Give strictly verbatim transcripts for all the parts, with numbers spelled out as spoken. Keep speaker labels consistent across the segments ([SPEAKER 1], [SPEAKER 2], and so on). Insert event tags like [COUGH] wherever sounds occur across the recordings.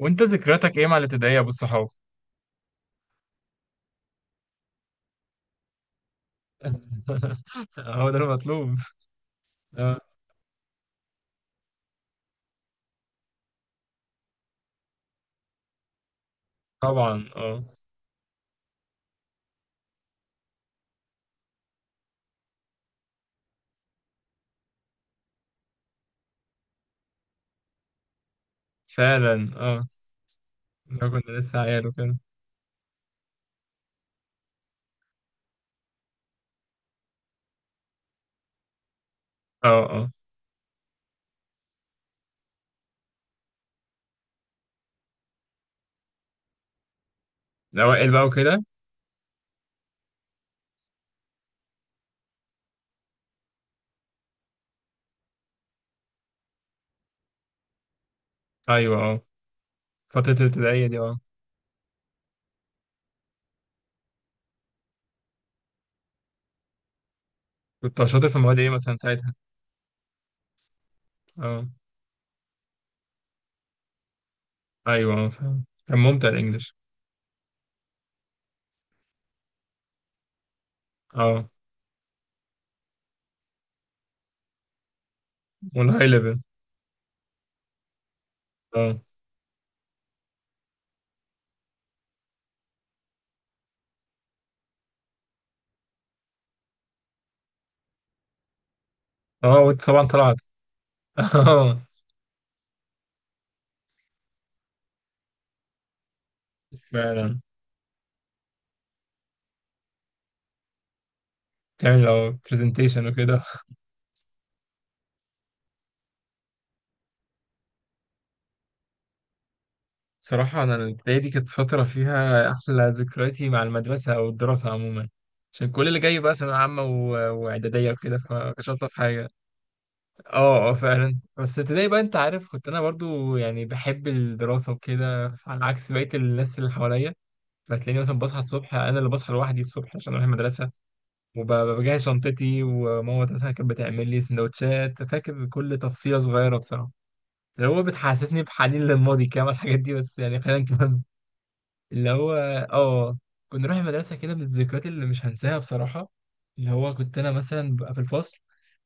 [SPEAKER 1] وانت ذكرياتك ايه مع الابتدائية ابو الصحاب؟ [LAUGHS] هو ده المطلوب. اه، طبعا اه. فعلا اه، لو كنا لسه عيال وكده. اه اه، الاوائل بقى وكده. ايوه اه، فترة الابتدائية دي اه. كنت شاطر في المواد ايه مثلا ساعتها؟ اه، ايوه اه، فعلا كان ممتع الانجليش. اه والهاي ليفل. اه اه، وانت طبعا طلعت. [LAUGHS] اه، فعلا تعمل لو برزنتيشن وكده. صراحة أنا الابتدائي دي كانت فترة فيها أحلى ذكرياتي مع المدرسة أو الدراسة عموما، عشان كل اللي جاي بقى ثانوية عامة و- وإعدادية وكده فمكانش ألطف حاجة. أه أه، فعلا بس ابتدائي بقى أنت عارف، كنت أنا برضو يعني بحب الدراسة وكده على عكس بقية الناس اللي حواليا. فتلاقيني مثلا بصحى الصبح، أنا اللي بصحى لوحدي الصبح عشان أروح المدرسة وبجهز شنطتي، وماما مثلا كانت بتعمل لي سندوتشات. فاكر كل تفصيلة صغيرة بصراحة، اللي هو بتحسسني بحنين للماضي كده الحاجات دي، بس يعني خلينا نكمل. اللي هو اه، كنا نروح المدرسة كده من الذكريات اللي مش هنساها بصراحة. اللي هو كنت أنا مثلا ببقى في الفصل،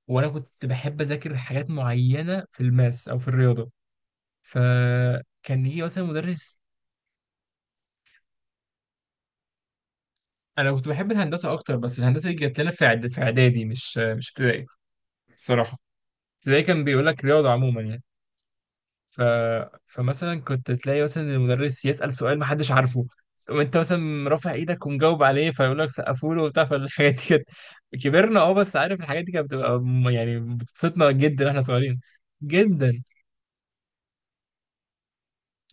[SPEAKER 1] وأنا كنت بحب أذاكر حاجات معينة في الماس أو في الرياضة، فكان يجي مثلا مدرس. أنا كنت بحب الهندسة أكتر، بس الهندسة دي جت لنا في إعد- في إعدادي مش مش ابتدائي. الصراحة ابتدائي كان بيقول لك رياضة عموما يعني. ف... فمثلا كنت تلاقي مثلا المدرس يسأل سؤال محدش عارفه، وانت مثلا رافع ايدك ومجاوب عليه، فيقول لك سقفوا له وبتاع. فالحاجات دي كانت، كبرنا اه، بس عارف الحاجات دي كانت بتبقى م- يعني بتبسطنا جدا احنا صغيرين. جدا،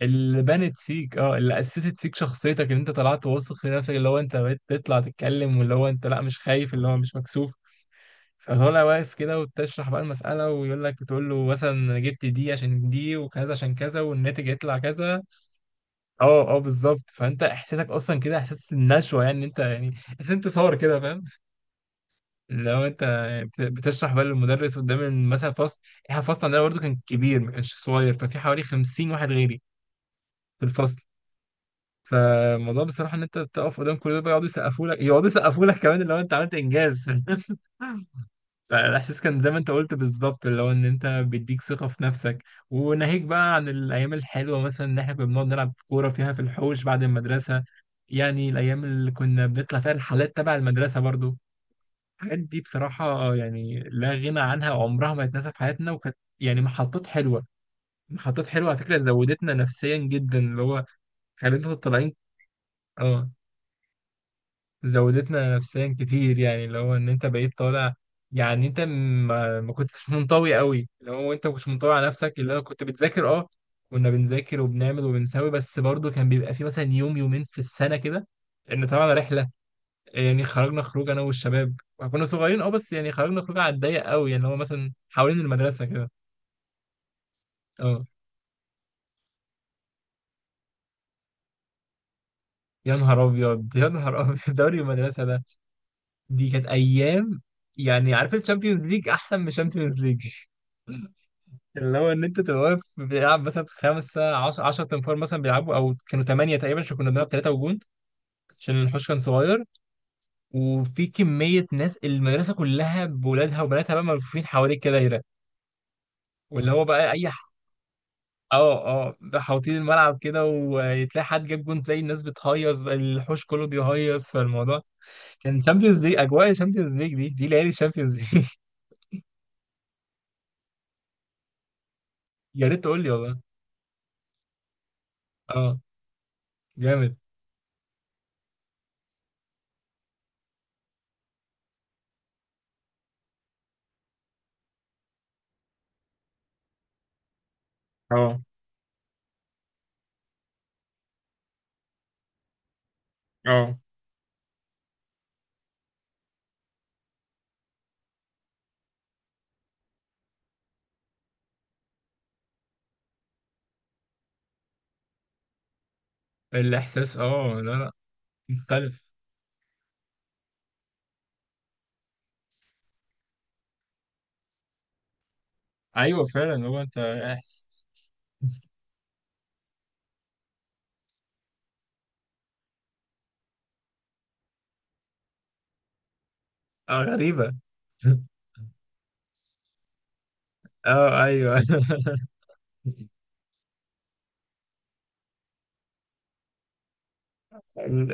[SPEAKER 1] اللي بنت فيك اه، اللي اسست فيك شخصيتك ان انت طلعت واثق في نفسك، اللي هو انت بقيت تطلع تتكلم، واللي هو انت لا مش خايف، اللي هو مش مكسوف. فطالع واقف كده وتشرح بقى المسألة، ويقول لك تقول له مثلا انا جبت دي عشان دي وكذا عشان كذا، والناتج يطلع كذا. اه اه، بالظبط. فانت احساسك اصلا كده احساس النشوه، يعني انت يعني احساس انتصار كده، فاهم؟ لو انت يعني بت- بتشرح بقى للمدرس قدام ال- مثلا فصل. احنا الفصل عندنا برضه كان كبير، ما كانش صغير، ففي حوالي خمسين واحد غيري في الفصل. فالموضوع بصراحه ان انت تقف قدام كل ده بقى، يقعدوا يسقفوا لك، يقعدوا يسقفوا لك كمان لو انت عملت انجاز. [LAUGHS] فالاحساس كان زي ما انت قلت بالظبط، اللي هو ان انت بيديك ثقه في نفسك. وناهيك بقى عن الايام الحلوه، مثلا ان احنا كنا بنقعد نلعب كوره فيها في الحوش بعد المدرسه. يعني الايام اللي كنا بنطلع فيها الحالات تبع المدرسه برضو، الحاجات دي بصراحه يعني لا غنى عنها، عمرها ما هتتنسى في حياتنا، وكانت يعني محطات حلوه. محطات حلوه على فكره، زودتنا نفسيا جدا. اللي هو خلينا طالعين، اه، زودتنا نفسيا كتير، يعني اللي هو ان انت بقيت طالع. يعني انت ما, ما كنتش منطوي قوي، اللي هو انت ما كنتش منطوي على نفسك، اللي هو كنت بتذاكر اه، كنا بنذاكر وبنعمل وبنسوي. بس برضه كان بيبقى في مثلا يوم يومين في السنة كده، ان طبعا رحلة، يعني خرجنا خروج انا والشباب. كنا صغيرين اه، بس يعني خرجنا خروج على الضيق قوي، يعني اللي هو مثلا حوالين المدرسة كده. اه، يا نهار ابيض. [LAUGHS] يا نهار ابيض، دوري المدرسة ده دي كانت ايام. يعني عارف الشامبيونز ليج؟ احسن من الشامبيونز ليج. اللي هو ان انت تبقى واقف بيلعب مثلا خمسه عشرة عشرة تنفار مثلا بيلعبوا، او كانوا ثمانيه تقريبا عشان كنا بنلعب ثلاثه وجون، عشان الحوش كان صغير. وفي كميه ناس المدرسه كلها بولادها وبناتها بقى، ملفوفين حواليك كده دايره. واللي هو بقى اي ح- اه اه، بقى حاوطين الملعب كده، وتلاقي حد جاب جون تلاقي الناس بتهيص بقى، الحوش كله بيهيص. فالموضوع كان شامبيونز ليج، اجواء شامبيونز ليج، دي دي ليالي شامبيونز ليج. [LAUGHS] يا ريت تقول لي والله. اه جامد. اه اه، الاحساس اه، لا لا مختلف. ايوه فعلا، هو انت احس. اه غريبة. [LAUGHS] اه ايوه. [LAUGHS]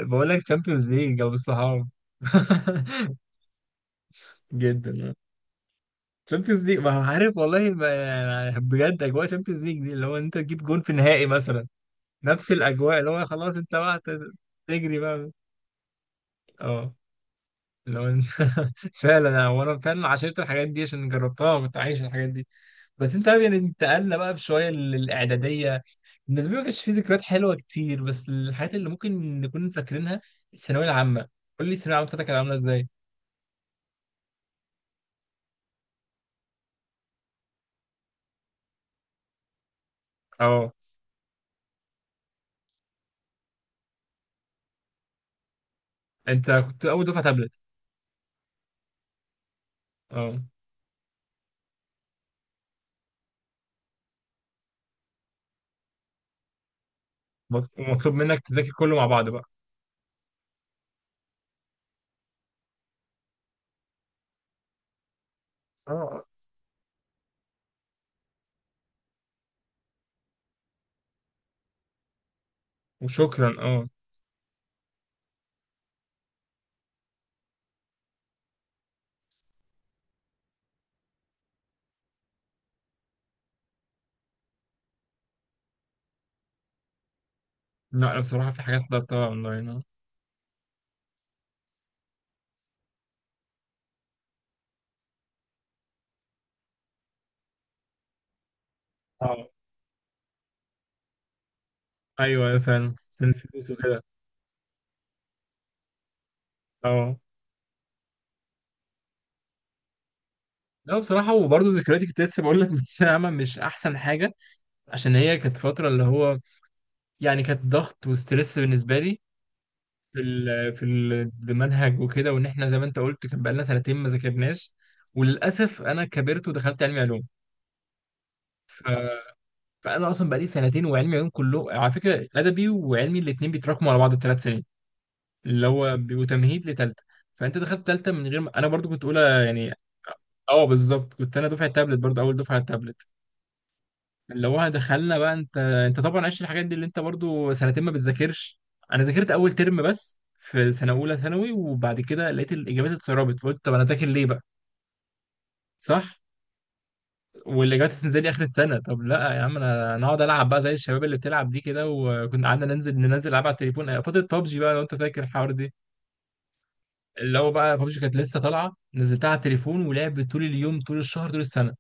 [SPEAKER 1] بقول لك تشامبيونز ليج جاب الصحاب. [LAUGHS] جدا. تشامبيونز ليج، ما عارف والله ما يعني بجد، اجواء تشامبيونز ليج دي اللي هو انت تجيب جون في النهائي مثلا. نفس الاجواء، اللي هو خلاص انت بقى ت- تجري بقى. اه، اللي هو انت [LAUGHS] فعلا انا، وانا فعلا عشرت الحاجات دي عشان جربتها وكنت عايش الحاجات دي. بس انت فاهم يعني انتقلنا بقى بشويه للاعداديه. بالنسبه لي ما كانش في ذكريات حلوه كتير، بس الحاجات اللي ممكن نكون فاكرينها الثانويه العامه. قول لي الثانويه العامه بتاعتك كانت عامله ازاي؟ اه، انت كنت اول دفعه تابلت. اه، مط- ومطلوب منك تذاكر كله مع بعض بقى. اه وشكرا اه. لا، انا بصراحه في حاجات طلبتها اونلاين اه. اه ايوه، أيوة فعلا، عشان الفلوس وكده. اه، لا بصراحة وبرضه ذكرياتي، كنت لسه بقول لك، من الثانوية العامة مش أحسن حاجة. عشان هي كانت فترة اللي هو يعني كانت ضغط وستريس بالنسبة لي في ال في ال- المنهج وكده، وان احنا زي ما انت قلت كان بقالنا سنتين ما ذاكرناش. وللاسف انا كبرت ودخلت علمي علوم. ف... فانا اصلا بقالي سنتين، وعلمي علوم كله على فكره ادبي وعلمي الاثنين بيتراكموا على بعض الثلاث سنين، اللي هو بيبقوا تمهيد لثالثه. فانت دخلت ثالثه من غير ما... انا برضو كنت اولى يعني. اه بالظبط، كنت انا دفعه تابلت برضو، اول دفعه تابلت. اللي هو دخلنا بقى، انت انت طبعا عشت الحاجات دي اللي انت برضو سنتين ما بتذاكرش. انا ذاكرت اول ترم بس في سنه اولى ثانوي، وبعد كده لقيت الاجابات اتسربت، فقلت طب انا ذاكر ليه بقى. صح، والاجابات هتنزل لي اخر السنه. طب لا يا عم، انا انا اقعد العب بقى زي الشباب اللي بتلعب دي كده. وكنا قعدنا ننزل، ننزل العب على التليفون آه، فتره بابجي بقى لو انت فاكر الحوار دي. اللي هو بقى بابجي كانت لسه طالعه، نزلتها على التليفون ولعبت طول اليوم طول الشهر طول السنه.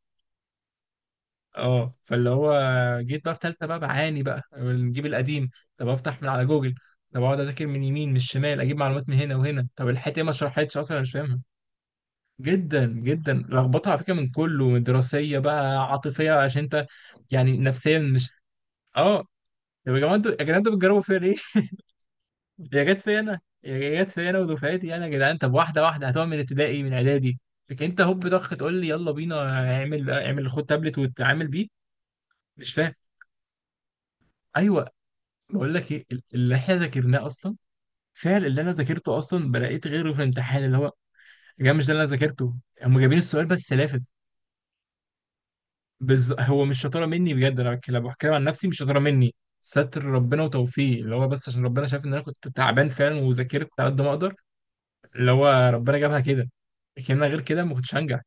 [SPEAKER 1] اه، فاللي هو جيت بقى في ثالثه بقى بعاني، بقى نجيب القديم. طب افتح من على جوجل، طب اقعد اذاكر من يمين من الشمال، اجيب معلومات من هنا وهنا، طب الحته ما اتشرحتش اصلا انا مش فاهمها. جدا جدا لخبطه على فكره، من كله، من دراسيه بقى عاطفيه، عشان انت يعني نفسيا مش اه. طب يا جماعه انتوا، يا جدعان انتوا بتجربوا فيا ليه؟ [LAUGHS] يا جت فيا انا، يا جت فيا انا ودفعتي، يعني يا جدعان، طب واحده واحده هتقعد من ابتدائي من اعدادي، لكن انت هوب ضخ تقول لي يلا بينا، اعمل اعمل خد تابلت وتعامل بيه. مش فاهم. ايوه، بقول لك ايه، اللي احنا ذاكرناه اصلا، فعل اللي انا ذاكرته اصلا بلاقيت غيره في الامتحان، اللي هو يا جماعه مش ده اللي انا ذاكرته، هم جايبين السؤال بس لافف. بز... هو مش شطاره مني بجد، انا بتكلم بحكي عن نفسي، مش شطاره مني. ستر ربنا وتوفيق، اللي هو بس عشان ربنا شايف ان انا كنت تعبان فعلا، وذاكرت على قد ما اقدر. اللي هو ربنا جابها كده، لكن انا غير كده ما كنتش هنجح.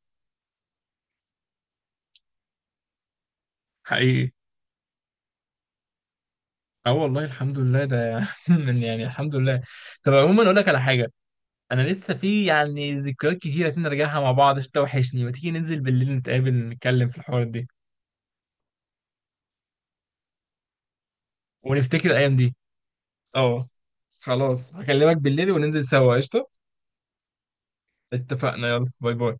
[SPEAKER 1] حقيقي، اه والله الحمد لله ده. [LAUGHS] يعني الحمد لله. طب عموما اقول لك على حاجه، انا لسه في يعني ذكريات كتير عايزين نرجعها مع بعض عشان توحشني. ما تيجي ننزل بالليل نتقابل نتكلم في الحوارات دي، ونفتكر الايام دي. اه، خلاص هكلمك بالليل وننزل سوا قشطه. اتفقنا، يلا باي باي.